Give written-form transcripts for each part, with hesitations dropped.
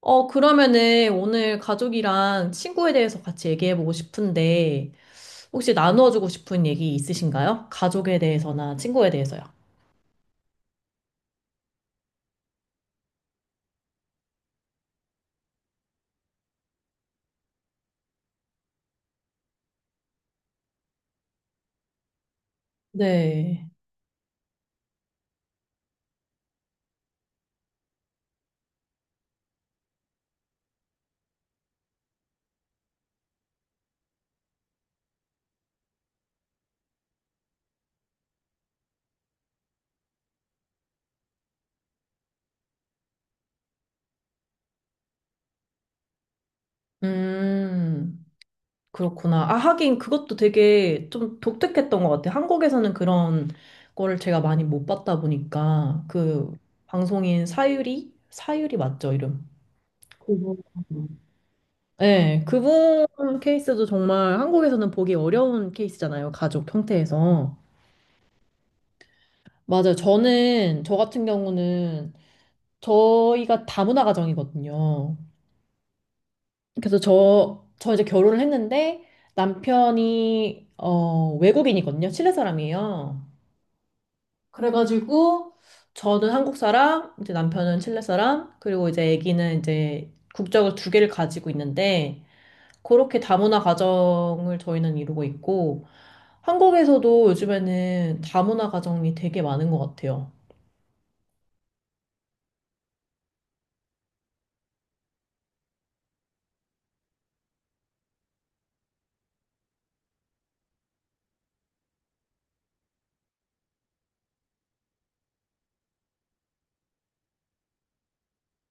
그러면은 오늘 가족이랑 친구에 대해서 같이 얘기해보고 싶은데, 혹시 나누어주고 싶은 얘기 있으신가요? 가족에 대해서나 친구에 대해서요. 네. 음, 그렇구나. 아, 하긴 그것도 되게 좀 독특했던 것 같아요. 한국에서는 그런 거를 제가 많이 못 봤다 보니까, 그 방송인 사유리? 사유리 맞죠, 이름? 그분. 네, 그분 케이스도 정말 한국에서는 보기 어려운 케이스잖아요. 가족 형태에서. 맞아요. 저 같은 경우는, 저희가 다문화 가정이거든요. 그래서 저 이제 결혼을 했는데, 남편이, 외국인이거든요. 칠레 사람이에요. 그래가지고, 저는 한국 사람, 이제 남편은 칠레 사람, 그리고 이제 아기는 이제 국적을 두 개를 가지고 있는데, 그렇게 다문화 가정을 저희는 이루고 있고, 한국에서도 요즘에는 다문화 가정이 되게 많은 것 같아요.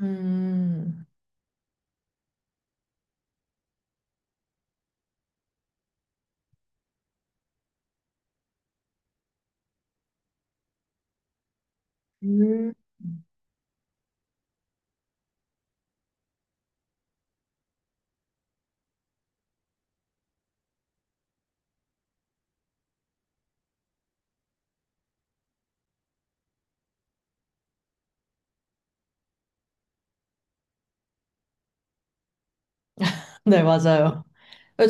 음. 음. 네, 맞아요.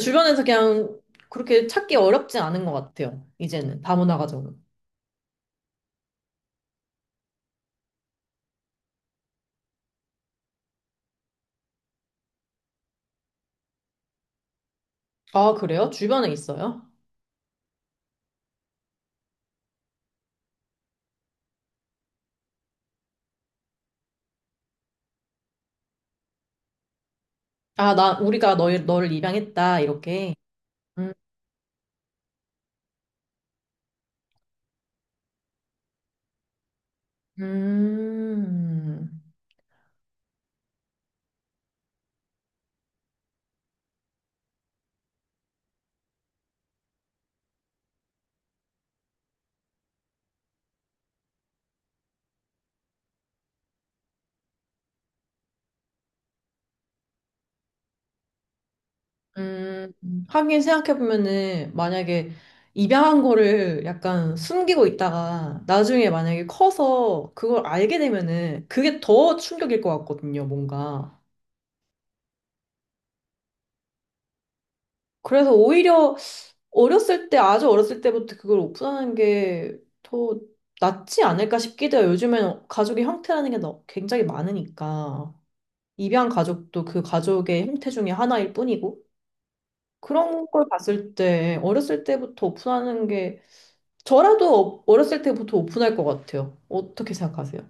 주변에서 그냥 그렇게 찾기 어렵지 않은 것 같아요. 이제는 다문화 가정은. 아, 그래요? 주변에 있어요? 아, 나 우리가 너를 입양했다 이렇게. 음, 음, 하긴 생각해 보면은 만약에 입양한 거를 약간 숨기고 있다가 나중에 만약에 커서 그걸 알게 되면은 그게 더 충격일 것 같거든요, 뭔가. 그래서 오히려 아주 어렸을 때부터 그걸 오픈하는 게 더 낫지 않을까 싶기도 해요. 요즘에는 가족의 형태라는 게 굉장히 많으니까. 입양 가족도 그 가족의 형태 중에 하나일 뿐이고. 그런 걸 봤을 때, 어렸을 때부터 오픈하는 게, 저라도 어렸을 때부터 오픈할 것 같아요. 어떻게 생각하세요?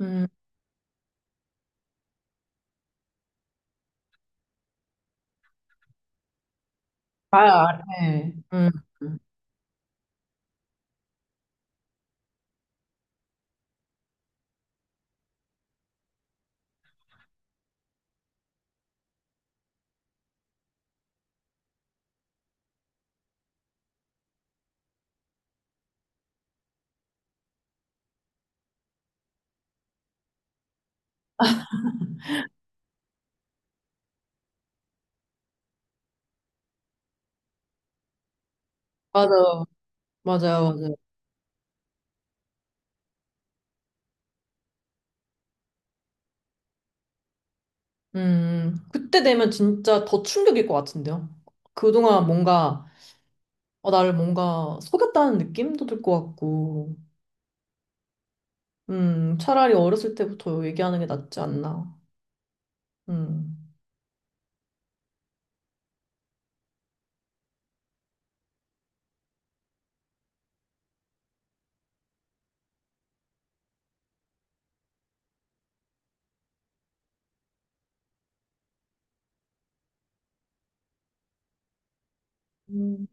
음, 아, 네. 맞아요. 맞아요, 맞아요. 그때 되면 진짜 더 충격일 것 같은데요. 그동안 뭔가, 어, 나를 뭔가 속였다는 느낌도 들 것 같고, 차라리 어렸을 때부터 얘기하는 게 낫지 않나. 음, 음,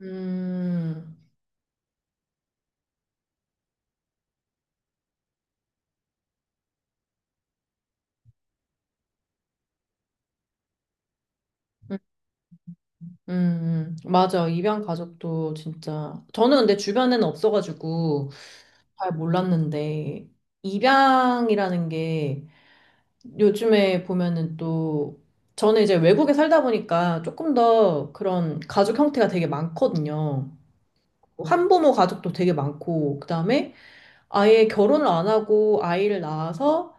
음, 맞아. 입양 가족도 진짜. 저는 근데 주변에는 없어가지고 잘 몰랐는데, 입양이라는 게 요즘에 보면은 또 저는 이제 외국에 살다 보니까 조금 더 그런 가족 형태가 되게 많거든요. 한부모 가족도 되게 많고 그다음에 아예 결혼을 안 하고 아이를 낳아서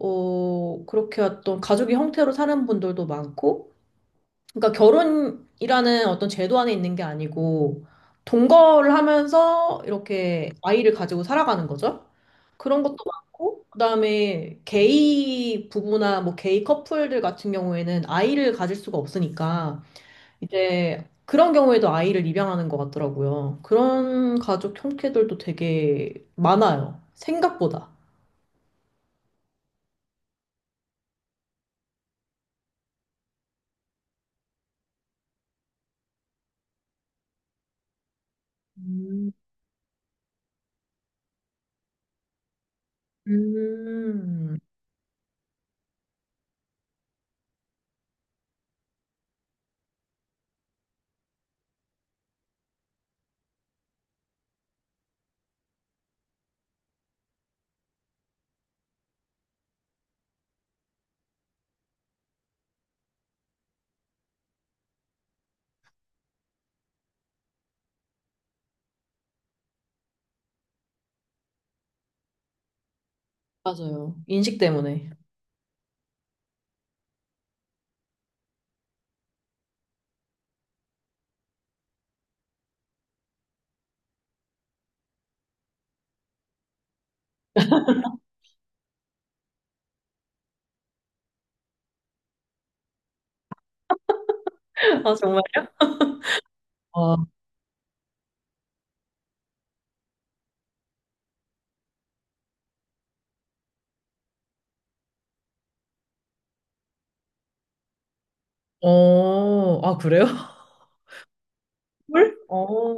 어 그렇게 어떤 가족의 형태로 사는 분들도 많고 그러니까 결혼이라는 어떤 제도 안에 있는 게 아니고 동거를 하면서 이렇게 아이를 가지고 살아가는 거죠. 그런 것도 많고 그다음에 게이 부부나 뭐 게이 커플들 같은 경우에는 아이를 가질 수가 없으니까 이제 그런 경우에도 아이를 입양하는 것 같더라고요. 그런 가족 형태들도 되게 많아요. 생각보다. 음, 음, 맞아요. 인식 때문에. 아, 정말요? 어, 어, 아, 그래요? 헐? 어,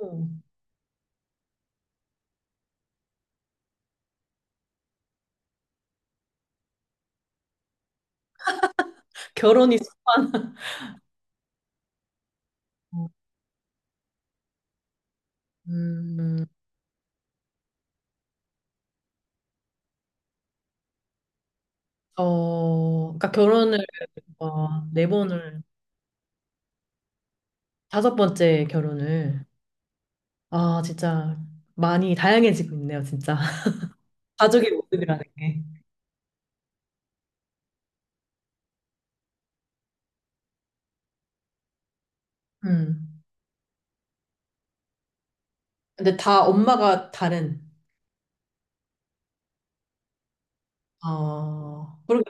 결혼이 습관. 음, 그러니까 결혼을, 와, 네 번을, 다섯 번째 결혼을. 아, 진짜 많이 다양해지고 있네요, 진짜. 가족의 모습이라는 게. 음. 근데 다 엄마가 다른. 아, 그러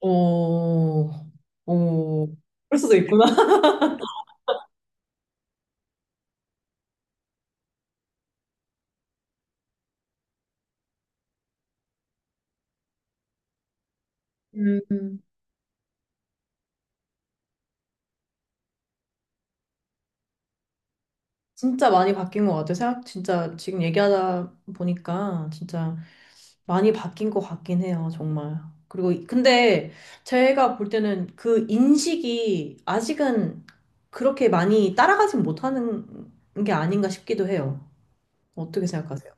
오, 오, 그럴 수도 있구나. 음. 진짜 많이 바뀐 것 같아요. 생각, 진짜 지금 얘기하다 보니까 진짜 많이 바뀐 것 같긴 해요, 정말. 그리고, 근데 제가 볼 때는 그 인식이 아직은 그렇게 많이 따라가진 못하는 게 아닌가 싶기도 해요. 어떻게 생각하세요?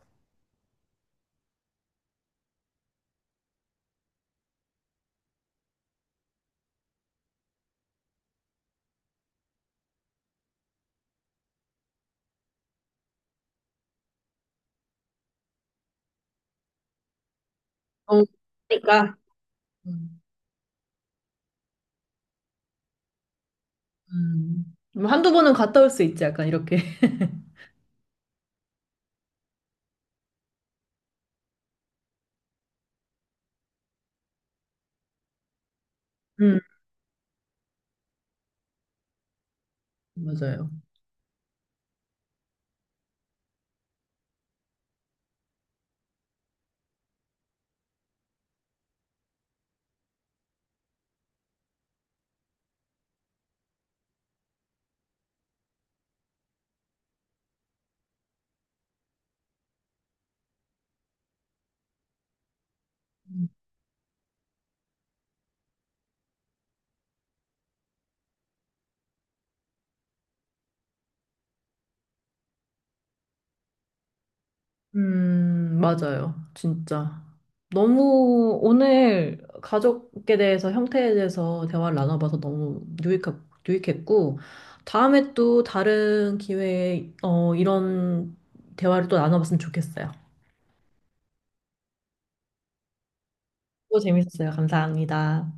너무 그러니까. 음. 음. 뭐 한두 번은 갔다 올 수 있지, 약간 이렇게. 음, 맞아요. 맞아요. 진짜. 너무 오늘 가족에 대해서 형태에 대해서 대화를 나눠봐서 유익했고, 다음에 또 다른 기회에 어, 이런 대화를 또 나눠봤으면 좋겠어요. 또 재밌었어요. 감사합니다.